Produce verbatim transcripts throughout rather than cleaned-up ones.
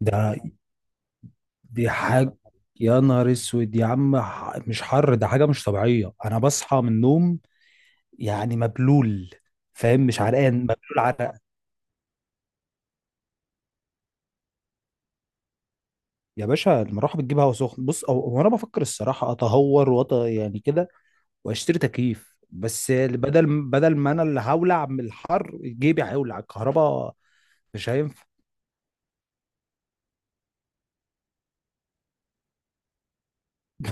ده دي حاجة. يا نهار اسود يا عم، ح- مش حر ده، حاجة مش طبيعية. انا بصحى من النوم يعني مبلول، فاهم؟ مش عرقان، مبلول عرق. يا باشا المروحة بتجيب هوا سخن. بص أو- هو انا بفكر الصراحة اتهور وأط يعني كده واشتري تكييف، بس بدل بدل ما انا اللي هولع من الحر، جيبي هيولع الكهرباء. مش هينفع.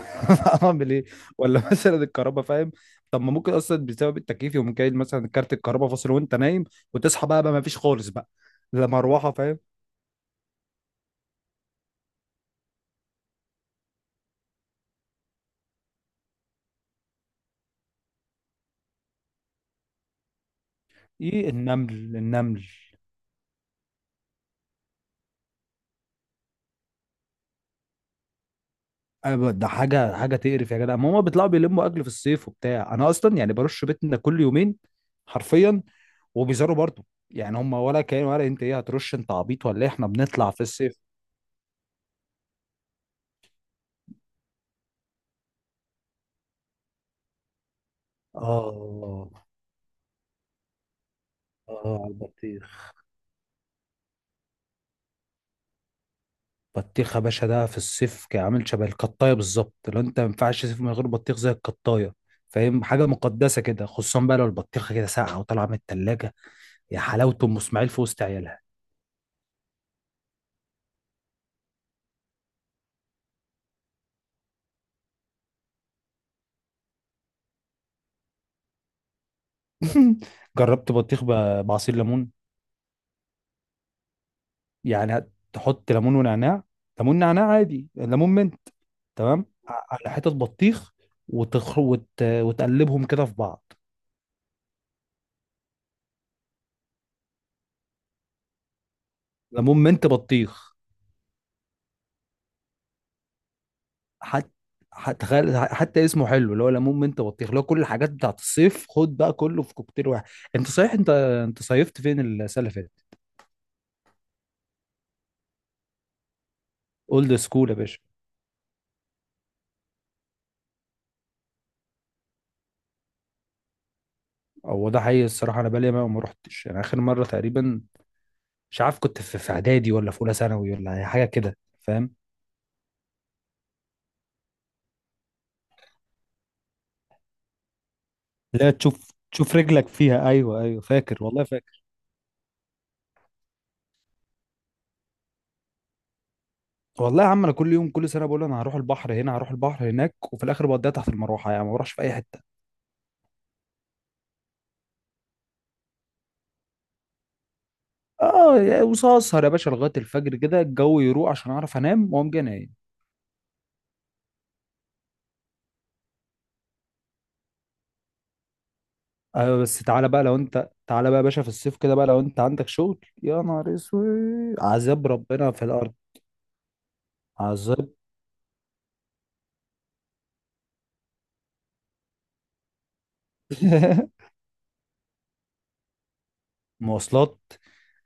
اعمل ايه؟ ولا مثلا الكهرباء، فاهم. طب ما ممكن اصلا بسبب التكييف يقوم جاي مثلا كارت الكهرباء فاصل وانت نايم، وتصحى بقى بقى ما فيش خالص بقى. لا مروحه فاهم. ايه؟ النمل النمل. أنا ب- ده حاجه حاجه تقرف يا جدع. ما هما بيطلعوا بيلموا اكل في الصيف وبتاع، انا اصلا يعني برش بيتنا كل يومين، حرفيا، وبيزاروا برضه. يعني هما ولا كان ولا انت ايه؟ هترش انت عبيط ولا ايه؟ احنا بنطلع في الصيف. اه، اه على البطيخ. بطيخ يا باشا ده في الصيف كان عامل شبه القطايه بالظبط، لو انت ما ينفعش تصيف من غير بطيخ زي القطايه، فاهم. حاجه مقدسه كده، خصوصا بقى لو البطيخه كده ساقعه وطالعه من التلاجة. يا حلاوه ام اسماعيل في وسط عيالها. جربت بطيخ ب- بعصير ليمون. يعني تحط ليمون ونعناع، ليمون نعناع عادي، ليمون منت تمام ع- على حتة بطيخ، وتخ... وت... وتقلبهم كده في بعض. ليمون منت بطيخ، حتى، تخيل، حتى اسمه حلو اللي هو ليمون منت بطيخ، اللي هو كل الحاجات بتاعت الصيف خد بقى كله في كوكتيل واحد. انت صحيح، انت انت صيفت فين السنه اللي فاتت؟ اولد سكول يا باشا. هو ده حقيقي الصراحه، انا بقالي ما ما رحتش يعني اخر مره تقريبا، مش عارف، كنت في في اعدادي ولا في اولى ثانوي ولا أي حاجه كده، فاهم. لا، تشوف تشوف رجلك فيها، ايوه ايوه فاكر والله فاكر. والله يا عم انا كل يوم كل سنه بقول انا هروح البحر هنا، هروح البحر هناك، وفي الاخر بقضيها تحت المروحه يعني، ما بروحش في اي حته. اه، وسهر يا باشا لغايه الفجر كده الجو يروق عشان اعرف انام واقوم جاي نايم. ايوه بس تعالى بقى، لو انت تعالى بقى يا باشا في الصيف كده بقى، لو انت عندك شغل يا نهار اسود، عذاب ربنا في الارض. عذاب. مواصلات،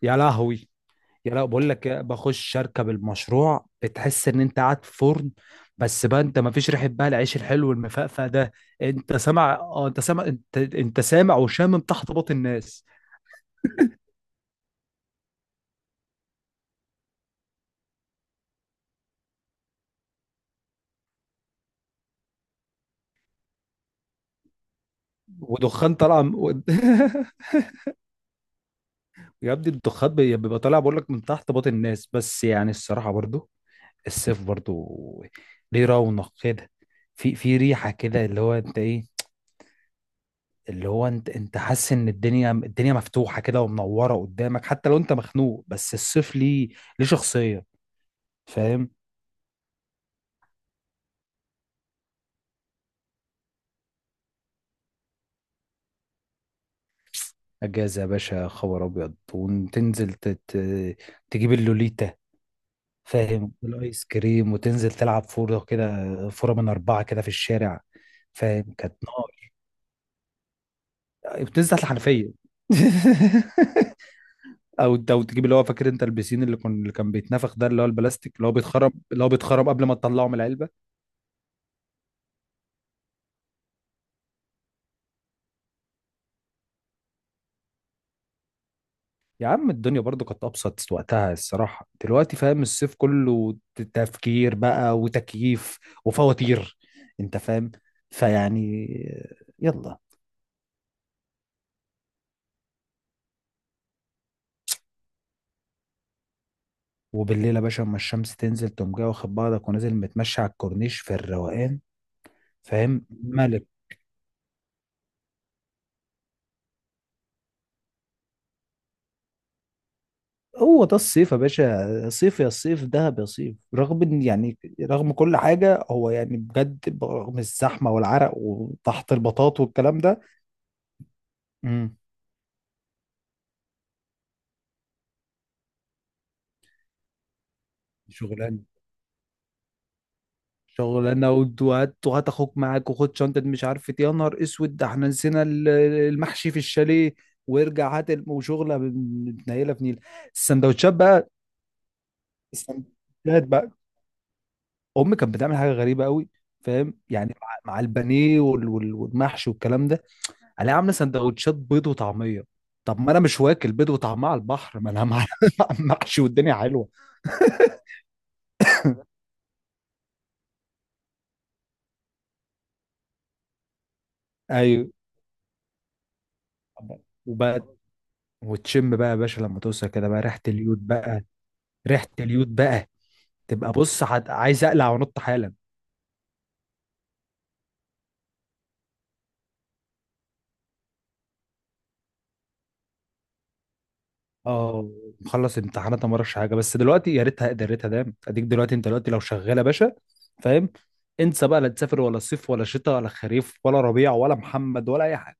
يا لهوي. يا، لا بقول لك إيه، بخش اركب المشروع بتحس ان انت قاعد في فرن. بس بقى انت ما فيش ريحه بقى العيش الحلو المفقفع ده، انت سامع؟ اه، انت سامع، انت انت سامع وشامم تحت باط الناس. ودخان طالع من- يا ابني الضخات بي- بيبقى طالع بقول لك من تحت باطن الناس. بس يعني الصراحه برضو، الصيف برضو ليه رونق كده. في في ريحه كده، اللي هو انت ايه، اللي هو انت انت حاسس ان الدنيا، الدنيا مفتوحه كده ومنوره قدامك، حتى لو انت مخنوق. بس الصيف ليه، ليه شخصيه، فاهم. اجازه يا باشا خبر ابيض، وتنزل تت... تجيب اللوليتا، فاهم، والايس كريم، وتنزل تلعب فوره كده، فوره من اربعه كده في الشارع، فاهم، كانت نار. بتنزل تحت الحنفيه. او، او تجيب اللي هو فاكر انت البسين اللي كان اللي كان بيتنفخ ده، اللي هو البلاستيك اللي هو بيتخرم، اللي هو بيتخرم قبل ما تطلعه من العلبه. يا عم الدنيا برضو كانت ابسط وقتها الصراحه، دلوقتي فاهم الصيف كله ت- تفكير بقى وتكييف وفواتير، انت فاهم. فيعني، يلا. وبالليل يا باشا اما الشمس تنزل تقوم جاي واخد بعضك ونازل متمشى على الكورنيش في الروقان، فاهم، ملك. هو ده الصيف يا باشا، صيف يا صيف، دهب يا صيف، رغم ان يعني، رغم كل حاجه، هو يعني بجد، رغم الزحمه والعرق وتحت البطاط والكلام ده. امم، شغلانه، شغلانه ود- وهات وهات اخوك معاك وخد شنطه مش عارف إيه. يا نهار اسود، ده احنا نسينا ال- المحشي في الشاليه، وارجع هات الم- وشغله متنيله في نيل. السندوتشات بقى السندوتشات بقى امي كانت بتعمل حاجه غريبه قوي، فاهم، يعني مع، مع البانيه وال- وال- والمحشي والكلام ده، عليها عامله سندوتشات بيض وطعميه. طب ما انا مش واكل بيض وطعميه على البحر، ما انا مع محشي والدنيا حلوه. ايوه، وبقى وتشم بقى يا باشا لما توصل كده بقى ريحه اليود بقى، ريحه اليود بقى. تبقى بص هت- عايز اقلع وانط حالا. اه، مخلص امتحانات أنا ما اعرفش حاجه، بس دلوقتي، يا ريتها يا ريتها دام اديك، دلوقتي انت دلوقتي لو شغال يا باشا، فاهم. انسى بقى، لا تسافر ولا صيف ولا شتاء ولا خريف ولا ربيع ولا محمد ولا اي حاجه.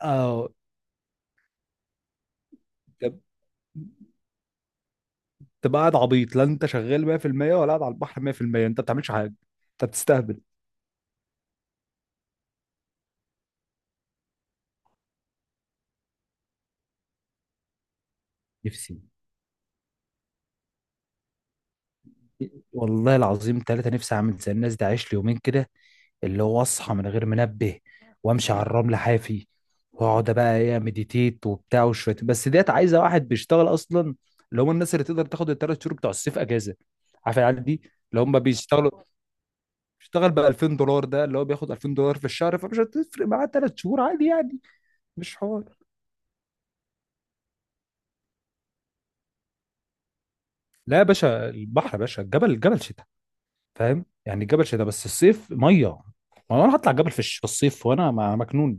اه، تبقى قاعد عبيط، لا انت شغال مية في المية ولا قاعد على البحر مية في المية، انت ما بتعملش حاجه، انت بتستهبل. نفسي، والله العظيم ثلاثة، نفسي اعمل زي الناس دي، عايش لي يومين كده، اللي هو اصحى من غير منبه، وامشي على الرمل حافي، واقعد بقى ايه، مديتيت وبتاع، وشويه بس ديت عايزه واحد بيشتغل اصلا، اللي هم الناس اللي تقدر تاخد الثلاث شهور بتوع الصيف اجازه، عارف العيال دي اللي هم بيشتغلوا، بيشتغل ب ألفين دولار، ده اللي هو بياخد ألفين دولار في الشهر، فمش هتفرق معاه ثلاث شهور عادي يعني. مش حوار. لا يا باشا البحر، يا باشا الجبل، الجبل شتاء، فاهم، يعني الجبل شتاء بس الصيف ميه. ما انا هطلع الجبل في الش- في الصيف وانا م- مجنون.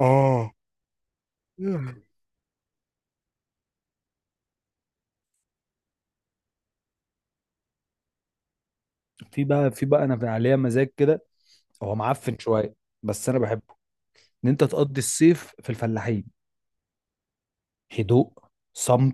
اه، في بقى في بقى انا عليا مزاج كده. هو معفن شويه بس انا بحبه، ان انت تقضي الصيف في الفلاحين. هدوء، صم.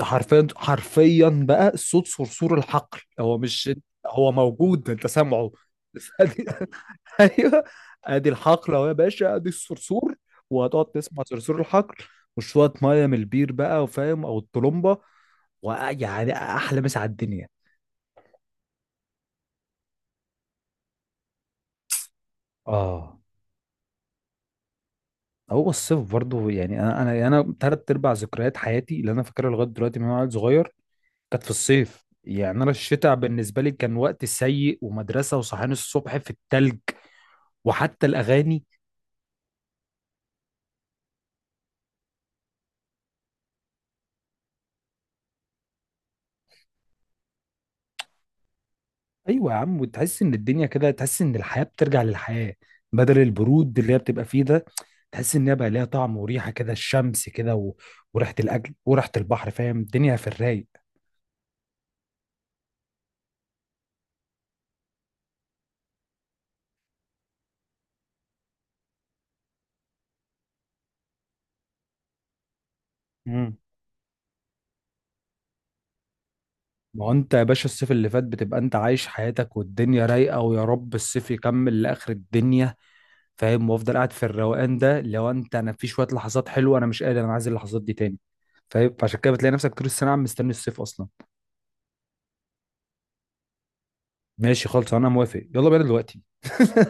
حرفيا حرفيا بقى صوت صرصور الحقل، هو مش، هو موجود انت سامعه. بس ادي ايوه، ادي الحقل اهو يا باشا، ادي الصرصور، وهتقعد تسمع صرصور الحقل وشويه ميه من البير بقى، وفاهم، او الطلمبه، ويعني احلى مسا على الدنيا. اه، هو الصيف برضه يعني، انا انا انا ثلاث ارباع ذكريات حياتي اللي انا فاكرها لغايه دلوقتي من وانا عيل صغير، كانت في الصيف. يعني انا الشتاء بالنسبه لي كان وقت سيء، ومدرسه وصحيان الصبح في التلج، وحتى الاغاني. ايوه يا عم، وتحس ان الدنيا كده، تحس ان الحياه بترجع للحياه، بدل البرود اللي هي بتبقى فيه ده. تحس ان هي بقى ليها طعم وريحه كده، الشمس كده و... وريحه الاكل وريحه البحر، فاهم، الدنيا في الرايق. مم. ما هو انت يا باشا الصيف اللي فات بتبقى انت عايش حياتك والدنيا رايقه، ويا رب الصيف يكمل لاخر الدنيا، فاهم. وافضل قاعد في الروقان ده، لو انت، انا في شويه لحظات حلوه انا مش قادر، انا عايز اللحظات دي تاني، فاهم. فعشان كده بتلاقي نفسك طول السنه عم مستني الصيف اصلا. ماشي خالص، انا موافق، يلا بينا دلوقتي.